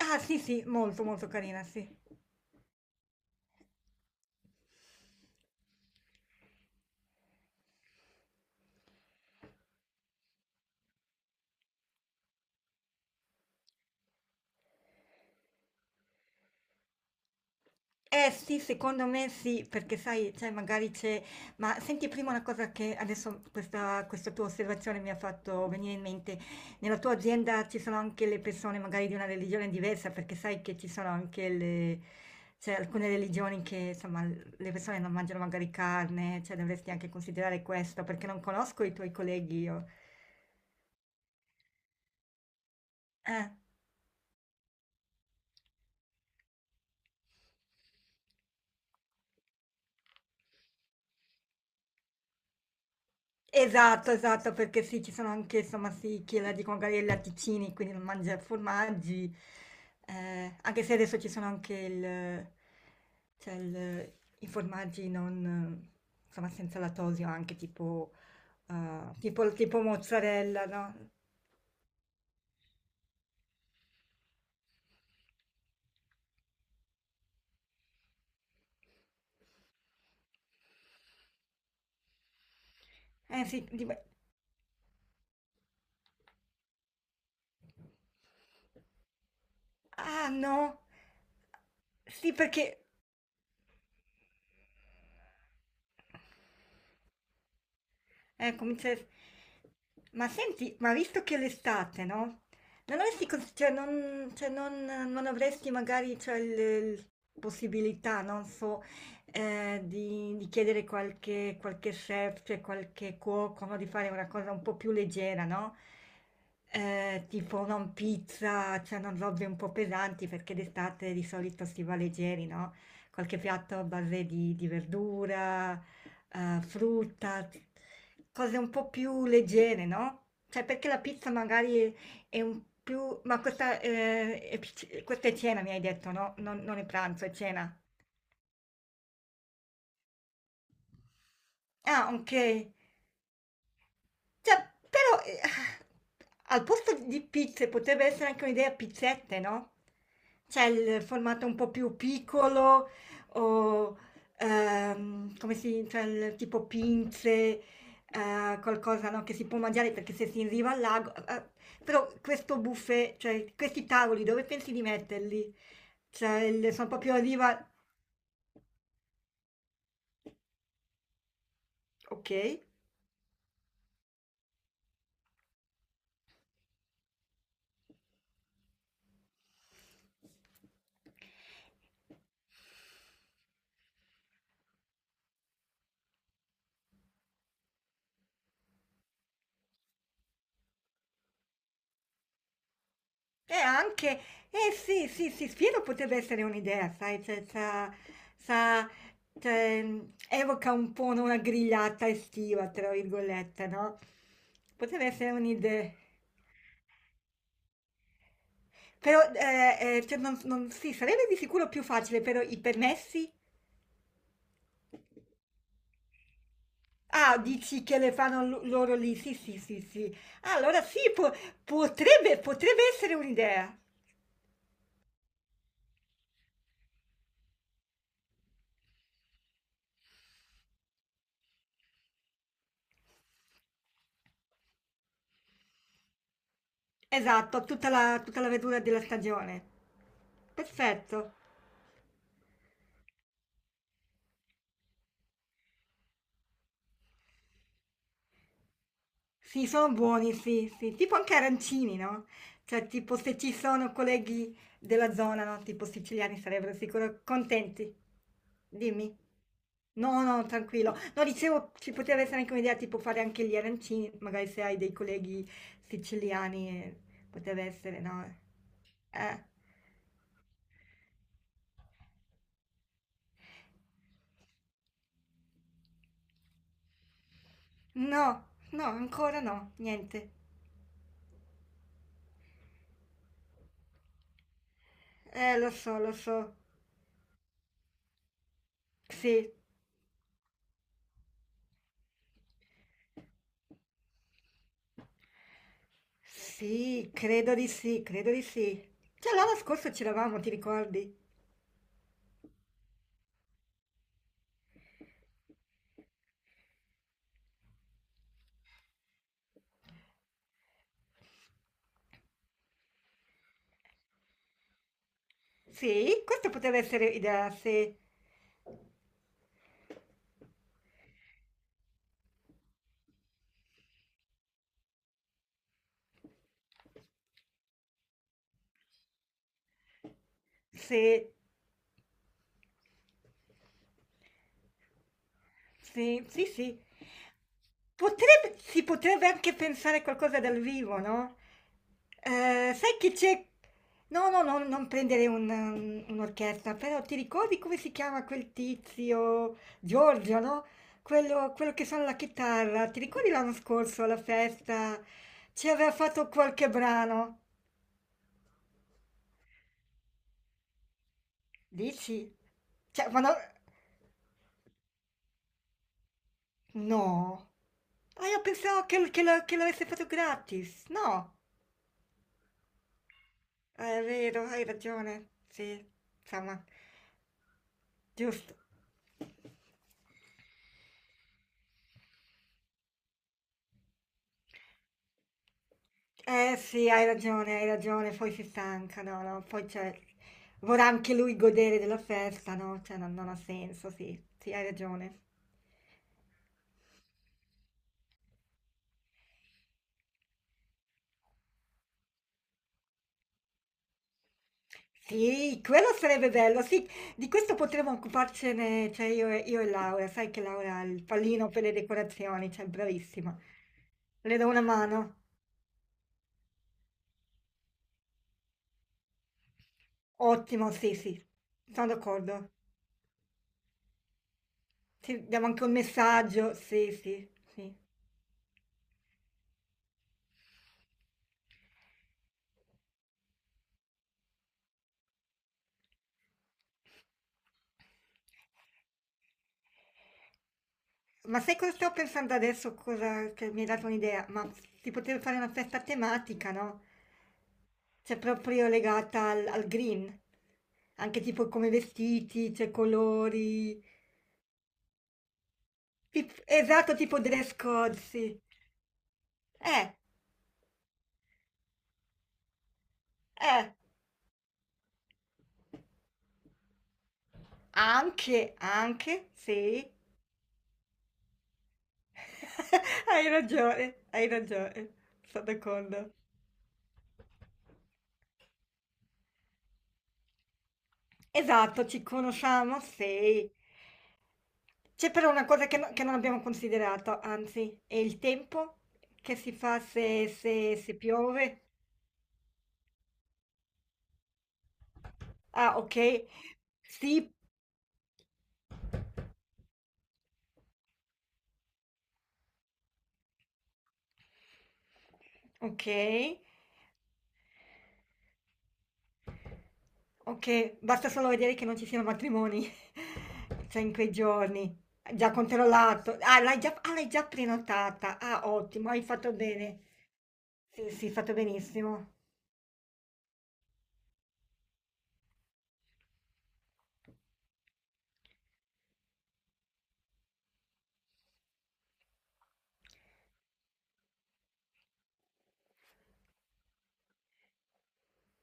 Ah sì, sì, molto, molto carina, sì. Eh sì, secondo me sì, perché sai, cioè magari c'è. Ma senti prima una cosa che adesso questa tua osservazione mi ha fatto venire in mente. Nella tua azienda ci sono anche le persone magari di una religione diversa, perché sai che ci sono anche le. Cioè alcune religioni che insomma le persone non mangiano magari carne, cioè dovresti anche considerare questo, perché non conosco i tuoi colleghi io. Eh. Esatto, esatto, perché sì, ci sono anche, insomma, sì, chi la dicono magari i latticini, quindi non mangia formaggi, anche se adesso ci sono anche il, cioè il- i formaggi non, insomma, senza lattosio, anche tipo, tipo, mozzarella, no? Eh sì, tipo- ah no, sì perché. Ecco, mi dice, ma senti, ma visto che è l'estate, no? Non avresti, cons- cioè, non- non avresti magari, cioè, il possibilità, non so, di chiedere qualche chef, cioè qualche cuoco, no? Di fare una cosa un po' più leggera, no? Tipo non pizza, cioè non robe un po' pesanti, perché d'estate di solito si va leggeri, no? Qualche piatto a base di verdura, frutta, cose un po' più leggere, no? Cioè, perché la pizza magari è un più. Ma questa, è, pic- questa è cena, mi hai detto, no? Non, non è pranzo, è cena. Ah, ok. Cioè, però, al posto di pizze potrebbe essere anche un'idea pizzette, no? Cioè, il formato un po' più piccolo o, come si dice, il tipo pinze, qualcosa, no, che si può mangiare perché se si arriva al lago. Però questo buffet, cioè, questi tavoli, dove pensi di metterli? Cioè, il- sono proprio a riva. Ok. E anche eh sì, sì, sì, Spiro potrebbe essere un'idea, sai, cioè, c'ha- sa- cioè, evoca un po' no, una grigliata estiva, tra virgolette, no? Potrebbe essere un'idea. Però, cioè, non, non- sì, sarebbe di sicuro più facile, però i permessi? Ah, dici che le fanno lo- loro lì, sì, sì, sì, sì. Ah, allora sì, po- potrebbe, potrebbe essere un'idea. Esatto, tutta la verdura della stagione. Perfetto. Sì, sono buoni, sì, sì, tipo anche arancini, no? Cioè, tipo se ci sono colleghi della zona, no? Tipo siciliani sarebbero sicuro contenti. Dimmi. No, no, tranquillo. No, dicevo, ci poteva essere anche un'idea tipo fare anche gli arancini, magari se hai dei colleghi siciliani, poteva essere, no? Eh. No, no, ancora no, niente. Lo so, lo so. Sì. Sì, credo di sì, credo di sì. Già l'anno scorso c'eravamo, ti ricordi? Sì, questa poteva essere idea, sì. Sì. Sì, sì, sì. Potrebbe si potrebbe anche pensare a qualcosa dal vivo, no, sai che c'è no, no, no, non prendere un un'orchestra, però ti ricordi come si chiama quel tizio, Giorgio, no, quello che suona la chitarra, ti ricordi l'anno scorso alla festa, ci aveva fatto qualche brano? Dici? Cioè, ma no. No. Ah, io pensavo che lo- che l'avesse fatto gratis. No. È vero, hai ragione. Sì, insomma, giusto. Eh sì, hai ragione, hai ragione. Poi si stanca, no, no. Poi cioè, vorrà anche lui godere della festa, no? Cioè, non, non ha senso, sì. Sì, hai ragione. Sì, quello sarebbe bello, sì, di questo potremmo occuparcene, cioè io e Laura, sai che Laura ha il pallino per le decorazioni, cioè bravissima. Le do una mano, ottimo, sì, sì, sono d'accordo. Sì, diamo anche un messaggio, sì, sì, sì. Ma sai cosa stavo pensando adesso? Cosa che mi hai dato un'idea? Ma si poteva fare una festa tematica, no? Cioè proprio legata al green, anche tipo come vestiti, cioè colori. Tip- esatto, tipo dress code, sì. Eh, eh, anche, anche, sì. Hai ragione, sono d'accordo. Esatto, ci conosciamo, sì. C'è però una cosa che, no- che non abbiamo considerato, anzi, è il tempo che si fa se, se- se piove. Ah, ok. Sì, ok. Ok, basta solo vedere che non ci siano matrimoni, cioè in quei giorni. Già controllato. Ah, l'hai già prenotata. Ah, ottimo, hai fatto bene. Sì, sì, hai fatto benissimo.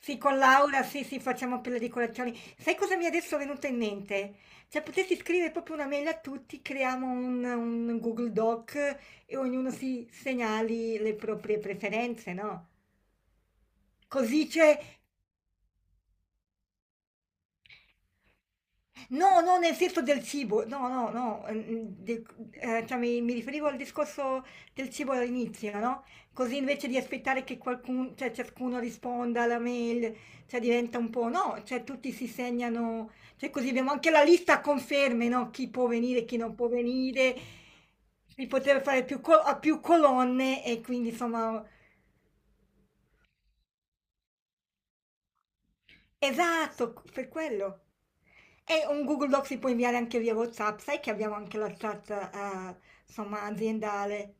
Sì, con Laura, sì, sì, facciamo per le decorazioni. Sai cosa mi è adesso venuto in mente? Cioè, potresti scrivere proprio una mail a tutti, creiamo un Google Doc e ognuno si segnali le proprie preferenze, no? Così c'è no, no, nel senso del cibo, no, no, no, de- cioè mi riferivo al discorso del cibo all'inizio, no? Così invece di aspettare che qualcuno, cioè ciascuno risponda alla mail, cioè diventa un po', no, cioè tutti si segnano, cioè così abbiamo anche la lista a conferme, no? Chi può venire, chi non può venire, di poter fare più, col- a più colonne e quindi insomma. Esatto, per quello. E un Google Doc si può inviare anche via WhatsApp, sai che abbiamo anche la chat, insomma, aziendale.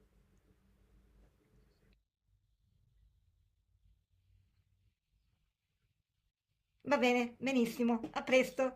Va bene, benissimo, a presto.